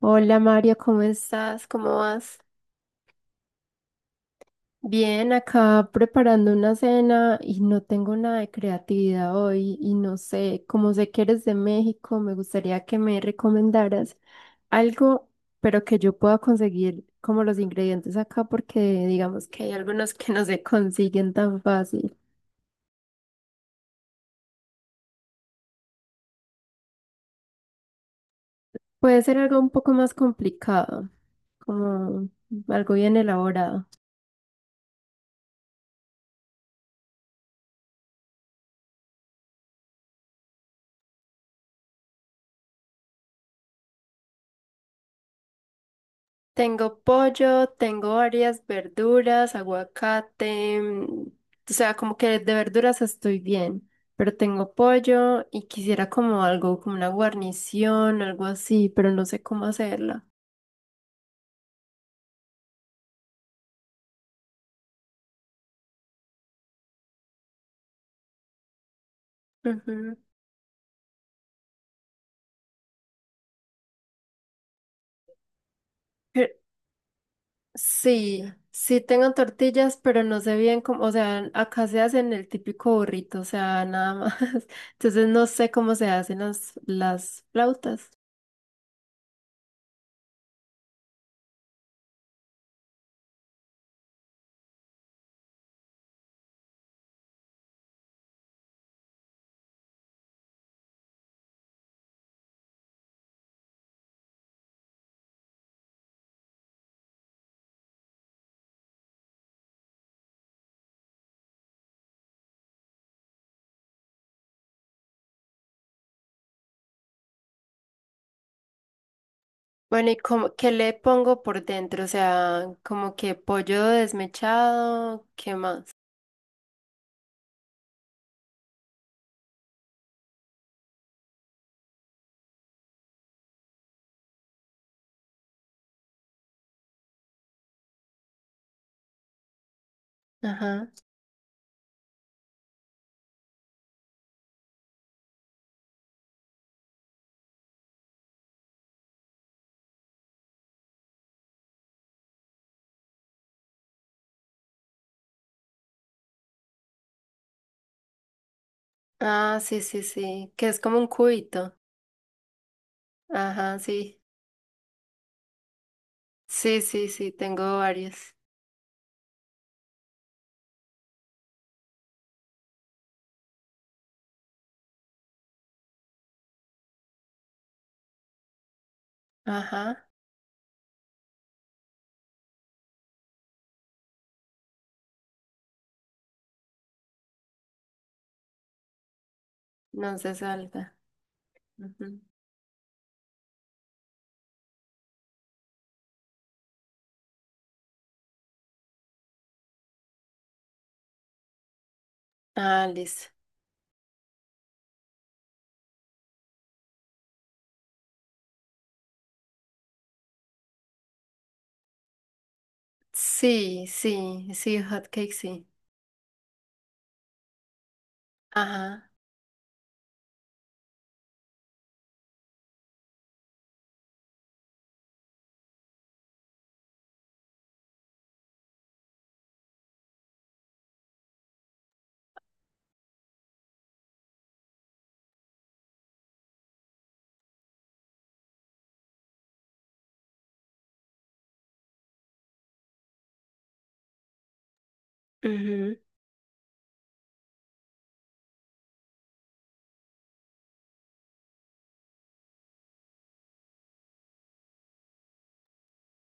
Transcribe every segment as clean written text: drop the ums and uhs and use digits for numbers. Hola Mario, ¿cómo estás? ¿Cómo vas? Bien, acá preparando una cena y no tengo nada de creatividad hoy y no sé, como sé que eres de México, me gustaría que me recomendaras algo, pero que yo pueda conseguir como los ingredientes acá porque digamos que hay algunos que no se consiguen tan fácil. Puede ser algo un poco más complicado, como algo bien elaborado. Tengo pollo, tengo varias verduras, aguacate, o sea, como que de verduras estoy bien, pero tengo pollo y quisiera como algo, como una guarnición, algo así, pero no sé cómo hacerla. Ujú. Pe- Sí, sí tengo tortillas, pero no sé bien cómo, o sea, acá se hacen el típico burrito, o sea, nada más. Entonces no sé cómo se hacen las flautas. Bueno, ¿y cómo, qué le pongo por dentro? O sea, como que pollo desmechado, ¿qué más? Ajá. Ah, sí, sí, sí, que es como un cubito. Ajá, sí. Sí, sí, sí, tengo varios. Ajá, no se salga. Ujú. Ah, listo. Sí, sí, sí, hot cake, sí. Ajá.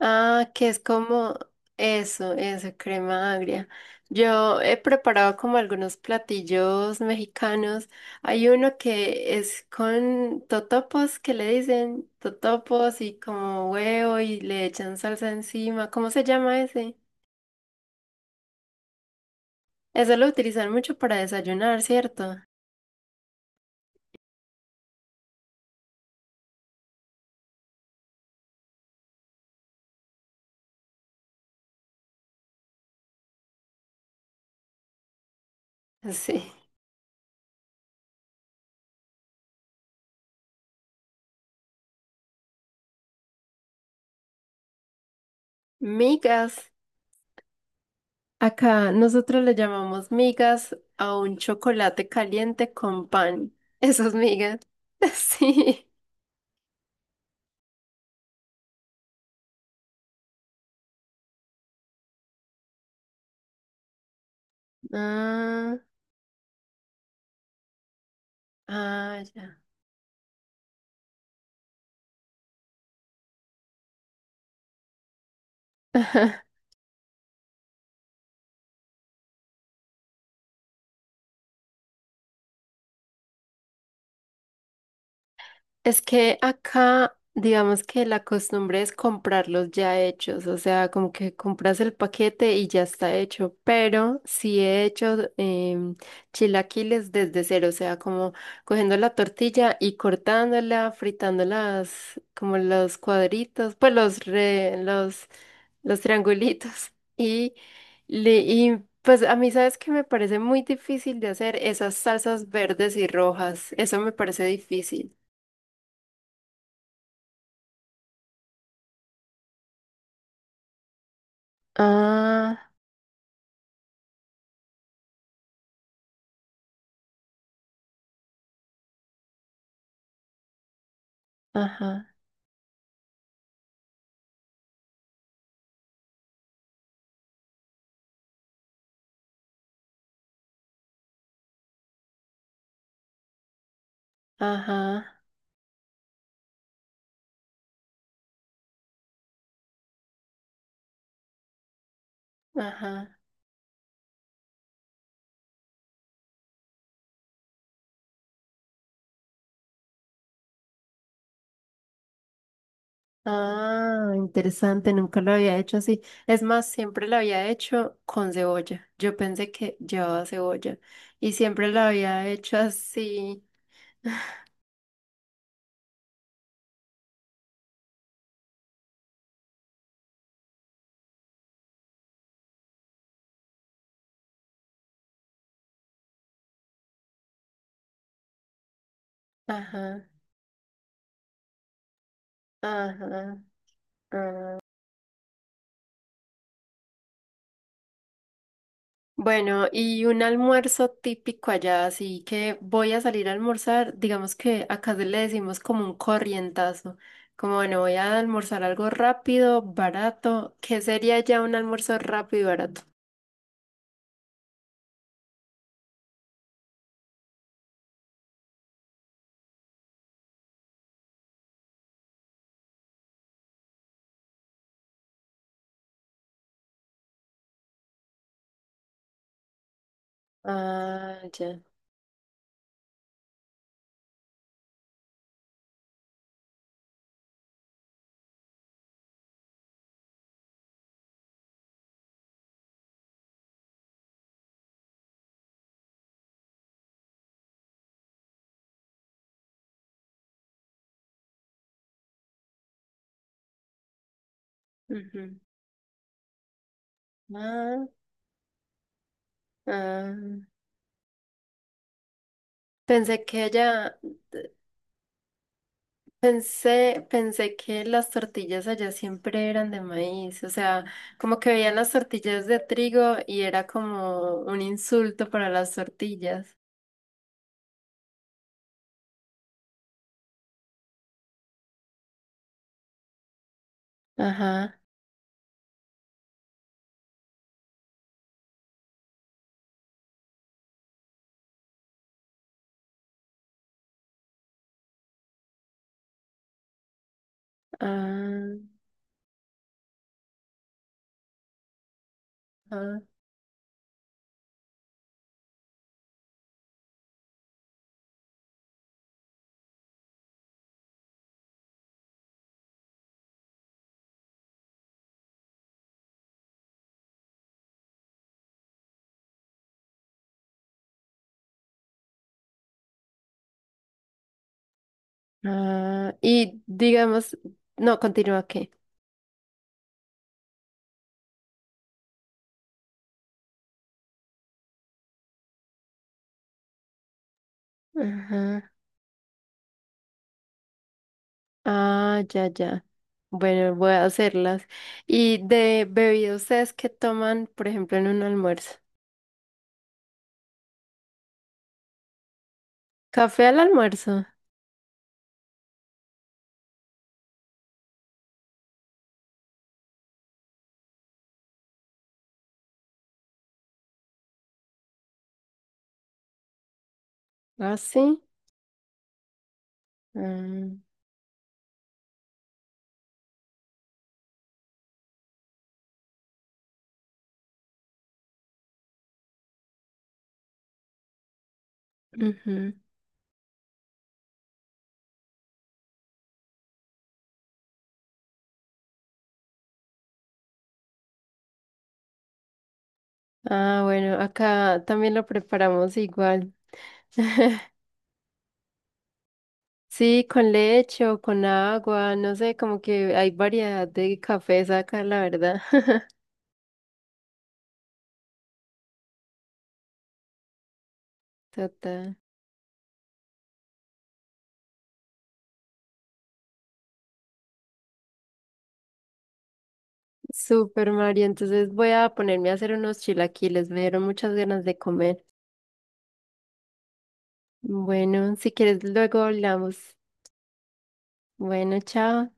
Ah, que es como eso, crema agria. Yo he preparado como algunos platillos mexicanos. Hay uno que es con totopos, que le dicen totopos y como huevo y le echan salsa encima. ¿Cómo se llama ese? Eso lo utilizan mucho para desayunar, ¿cierto? Sí. Migas. Acá nosotros le llamamos migas a un chocolate caliente con pan. Esas migas. Sí. Ah, ah, ya. Es que acá, digamos que la costumbre es comprarlos ya hechos, o sea, como que compras el paquete y ya está hecho, pero sí he hecho chilaquiles desde cero, o sea, como cogiendo la tortilla y cortándola, fritando las, como los cuadritos, pues los triangulitos y... Y pues a mí, ¿sabes que me parece muy difícil de hacer esas salsas verdes y rojas? Eso me parece difícil. Ah, ajá, ajá, ajá. Ah, interesante, nunca lo había hecho así. Es más, siempre lo había hecho con cebolla. Yo pensé que llevaba cebolla y siempre lo había hecho así. Ajá, ajá. Ah. Bueno, y un almuerzo típico allá, así que voy a salir a almorzar. Digamos que acá se le decimos como un corrientazo. Como bueno, voy a almorzar algo rápido, barato. ¿Qué sería ya un almuerzo rápido y barato? Ah, ya. Ujú. Ah, ah. Pensé que allá, pensé, pensé que las tortillas allá siempre eran de maíz, o sea, como que veían las tortillas de trigo y era como un insulto para las tortillas. Ajá, ah, ah, ah. Y digamos, no, continúa que. Ajá. Ah, ya, ya. Bueno, voy a hacerlas. ¿Y de bebidas ustedes qué toman, por ejemplo, en un almuerzo? ¿Café al almuerzo? Ah, sí. Ah, ujú. Ah, bueno, acá también lo preparamos igual. Sí, con leche o con agua, no sé, como que hay variedad de cafés acá, la verdad. Total. Super Mario, entonces voy a ponerme a hacer unos chilaquiles, me dieron muchas ganas de comer. Bueno, si quieres, luego hablamos. Bueno, chao.